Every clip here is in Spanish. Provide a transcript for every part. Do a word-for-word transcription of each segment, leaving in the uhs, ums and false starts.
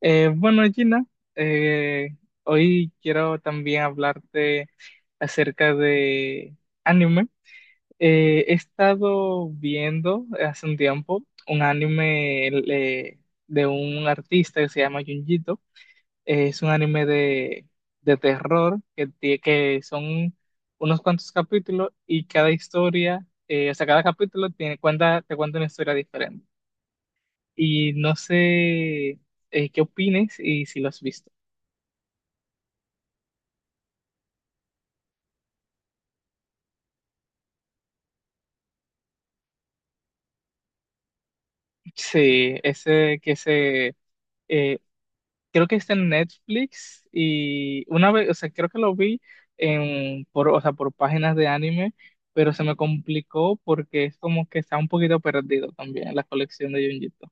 Eh, bueno, Gina, eh, hoy quiero también hablarte acerca de anime. Eh, he estado viendo hace un tiempo un anime eh, de un artista que se llama Junjito. Eh, es un anime de, de terror que, tie- que son unos cuantos capítulos y cada historia, eh, o sea, cada capítulo tiene, cuenta, te cuenta una historia diferente. Y no sé eh, qué opines y si lo has visto. Sí, ese que se, eh, creo que está en Netflix y una vez, o sea, creo que lo vi en, por, o sea, por páginas de anime, pero se me complicó porque es como que está un poquito perdido también la colección de Junjito.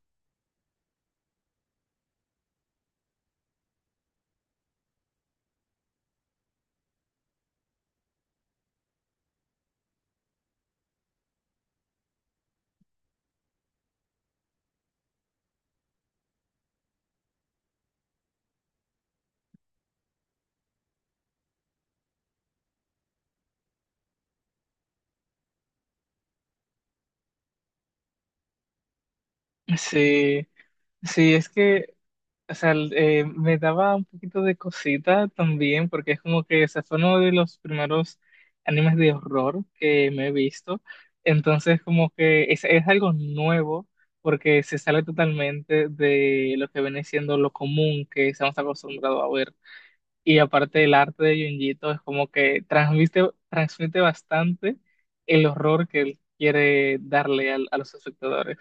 Sí, sí, es que, O sea, el- eh, me daba un poquito de cosita también, porque es como que ese fue uno de los primeros animes de horror que me he visto. Entonces, como que es, es algo nuevo, porque se sale totalmente de lo que viene siendo lo común que estamos acostumbrados a ver. Y aparte, el arte de Junjito es como que transmite, transmite bastante el horror que él quiere darle al- a los espectadores.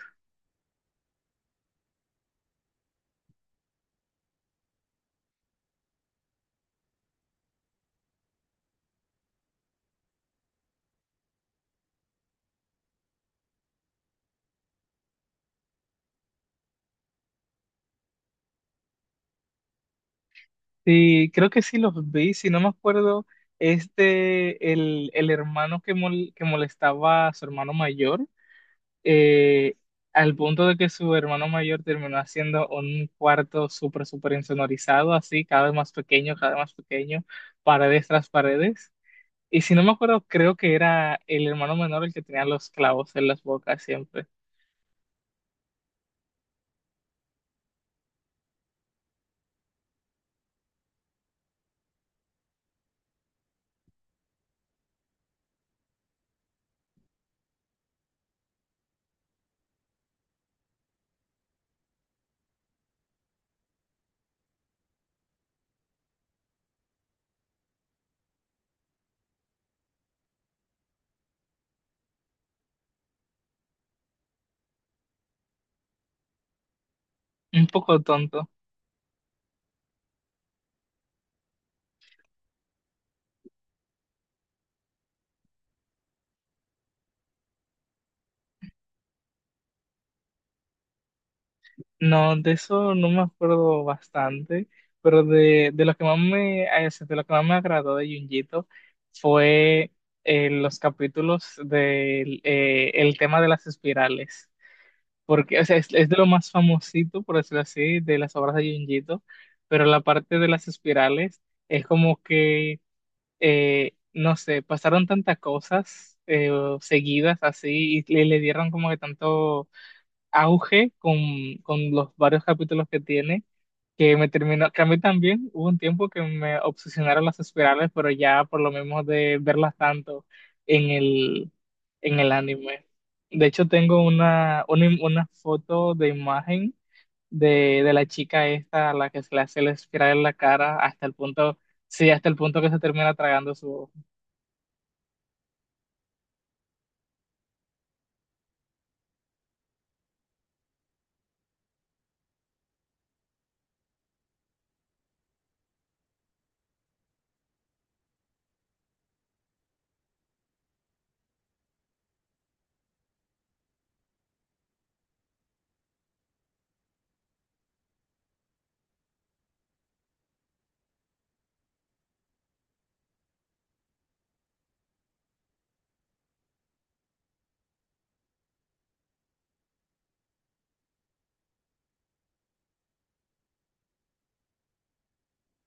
Sí, creo que sí los vi, si no me acuerdo, este, el, el hermano que, mol- que molestaba a su hermano mayor, eh, al punto de que su hermano mayor terminó haciendo un cuarto súper, súper insonorizado, así, cada vez más pequeño, cada vez más pequeño, paredes tras paredes. Y si no me acuerdo, creo que era el hermano menor el que tenía los clavos en las bocas siempre. Un poco tonto. No, de eso no me acuerdo bastante, pero de, de lo que más me, eh, de lo que más me agradó de Junjito fue eh, los capítulos del eh, el tema de las espirales, porque o sea, es, es de lo más famosito, por decirlo así, de las obras de Junjito, pero la parte de las espirales es como que, eh, no sé, pasaron tantas cosas eh, seguidas así y, le le dieron como que tanto auge con, con los varios capítulos que tiene, que me terminó, que a mí también hubo un tiempo que me obsesionaron las espirales, pero ya por lo menos de verlas tanto en el, en el anime. De hecho, tengo una, una, una foto de imagen de, de la chica esta a la que se le hace la espiral en la cara hasta el punto, sí, hasta el punto que se termina tragando su...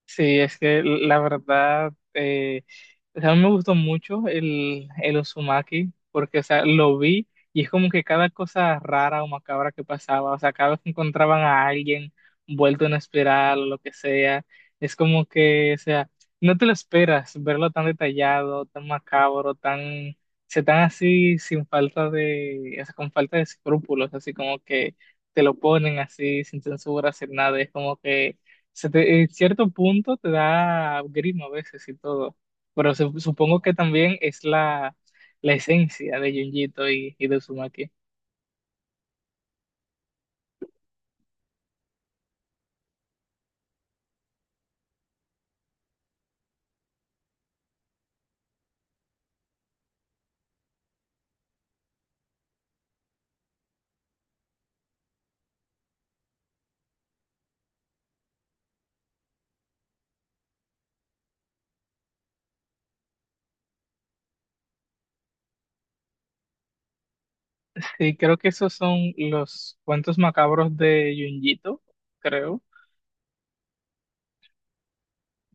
Sí, es que la verdad, eh, o sea, a mí me gustó mucho el, el Uzumaki, porque, o sea, lo vi y es como que cada cosa rara o macabra que pasaba, o sea, cada vez que encontraban a alguien vuelto en espiral o lo que sea, es como que, o sea, no te lo esperas verlo tan detallado, tan macabro, tan, o sea, tan así sin falta de, o sea, con falta de escrúpulos, así como que te lo ponen así sin censura, sin nada, es como que se te- en cierto punto te da grima a veces y todo, pero su- supongo que también es la, la esencia de Junjito y, y de Uzumaki. Sí, creo que esos son los cuentos macabros de Junjito, creo.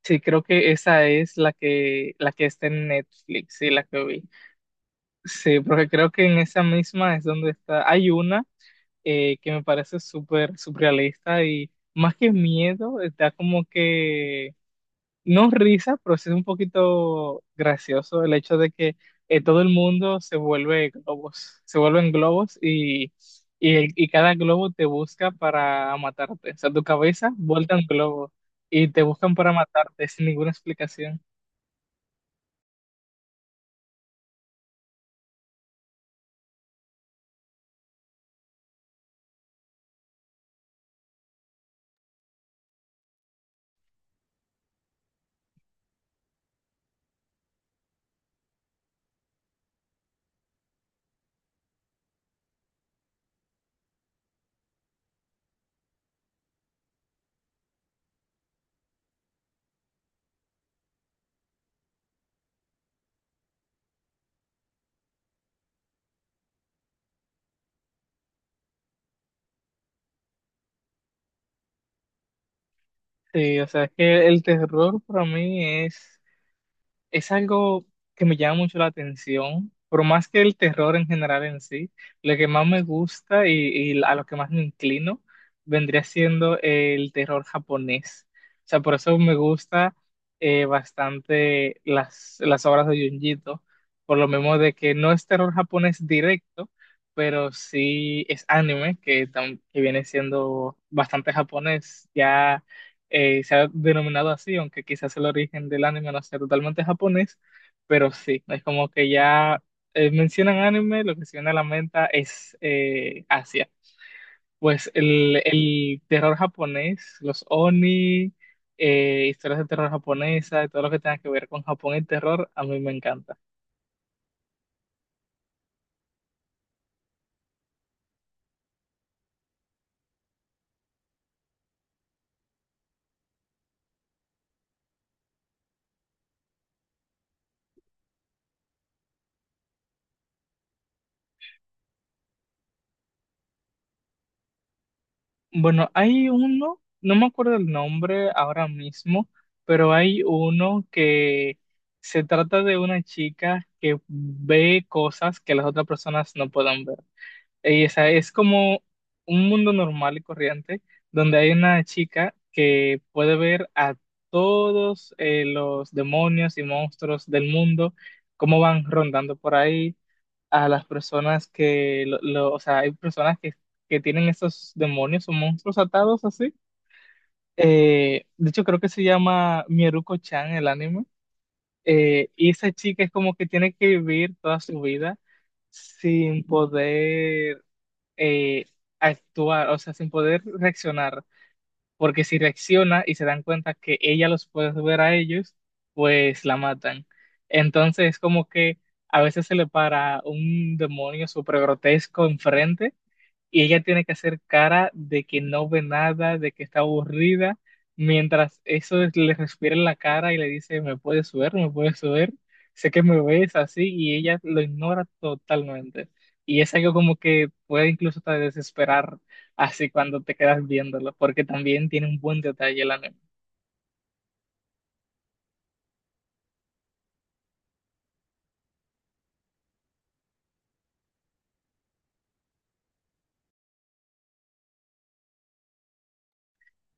Sí, creo que esa es la que, la que está en Netflix, sí, la que vi. Sí, porque creo que en esa misma es donde está. Hay una eh, que me parece súper surrealista y más que miedo, está como que no risa, pero sí es un poquito gracioso el hecho de que eh, todo el mundo se vuelve globos, se vuelven globos y, y, el- y cada globo te busca para matarte. O sea, tu cabeza vuelta un globo y te buscan para matarte sin ninguna explicación. Sí, o sea, es que el terror para mí es es algo que me llama mucho la atención, por más que el terror en general en sí, lo que más me gusta y, y a lo que más me inclino vendría siendo el terror japonés. O sea, por eso me gusta eh, bastante las, las obras de Junjito, por lo mismo de que no es terror japonés directo, pero sí es anime, que, tam- que viene siendo bastante japonés, ya eh, se ha denominado así, aunque quizás el origen del anime no sea totalmente japonés, pero sí, es como que ya eh, mencionan anime, lo que se viene a la mente es eh, Asia. Pues el, el terror japonés, los oni, eh, historias de terror japonesa, todo lo que tenga que ver con Japón y terror, a mí me encanta. Bueno, hay uno, no me acuerdo el nombre ahora mismo, pero hay uno que se trata de una chica que ve cosas que las otras personas no pueden ver. Y esa es como un mundo normal y corriente donde hay una chica que puede ver a todos eh, los demonios y monstruos del mundo, cómo van rondando por ahí a las personas que, lo, lo- o sea, hay personas que, que tienen esos demonios o monstruos atados así. Eh, de hecho, creo que se llama Mieruko-chan el anime. Eh, y esa chica es como que tiene que vivir toda su vida sin poder eh, actuar, o sea, sin poder reaccionar porque si reacciona y se dan cuenta que ella los puede ver a ellos, pues la matan. Entonces es como que a veces se le para un demonio súper grotesco enfrente y ella tiene que hacer cara de que no ve nada, de que está aburrida, mientras eso es- le respira en la cara y le dice: "Me puedes ver, me puedes ver, sé que me ves así", y ella lo ignora totalmente. Y es algo como que puede incluso hasta desesperar así cuando te quedas viéndolo, porque también tiene un buen detalle el anime.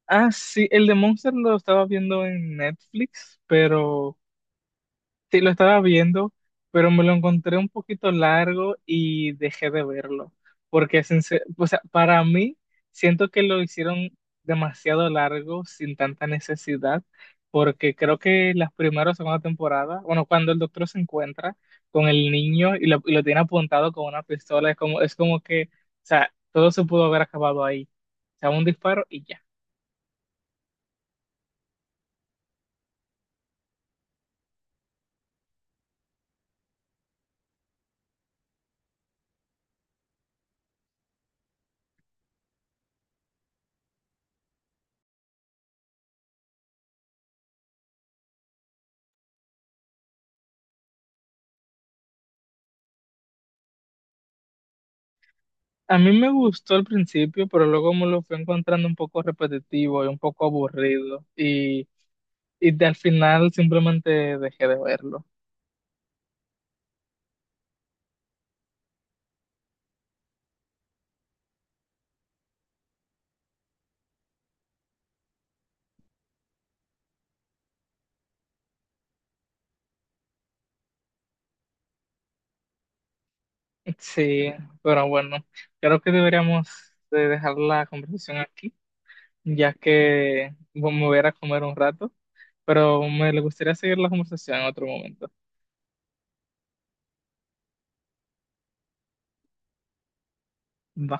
Ah, sí, el de Monster lo estaba viendo en Netflix, pero... Sí, lo estaba viendo, pero me lo encontré un poquito largo y dejé de verlo, porque sincer- o sea, para mí siento que lo hicieron demasiado largo sin tanta necesidad, porque creo que las primeras o segunda temporada, bueno, cuando el doctor se encuentra con el niño y lo, y lo tiene apuntado con una pistola, es como, es como que, o sea, todo se pudo haber acabado ahí, o sea, un disparo y ya. A mí me gustó al principio, pero luego me lo fui encontrando un poco repetitivo y un poco aburrido. Y, y de- al final simplemente dejé de verlo. Sí, pero bueno, creo que deberíamos de dejar la conversación aquí, ya que bueno, me voy a ir a comer un rato, pero me gustaría seguir la conversación en otro momento. Va.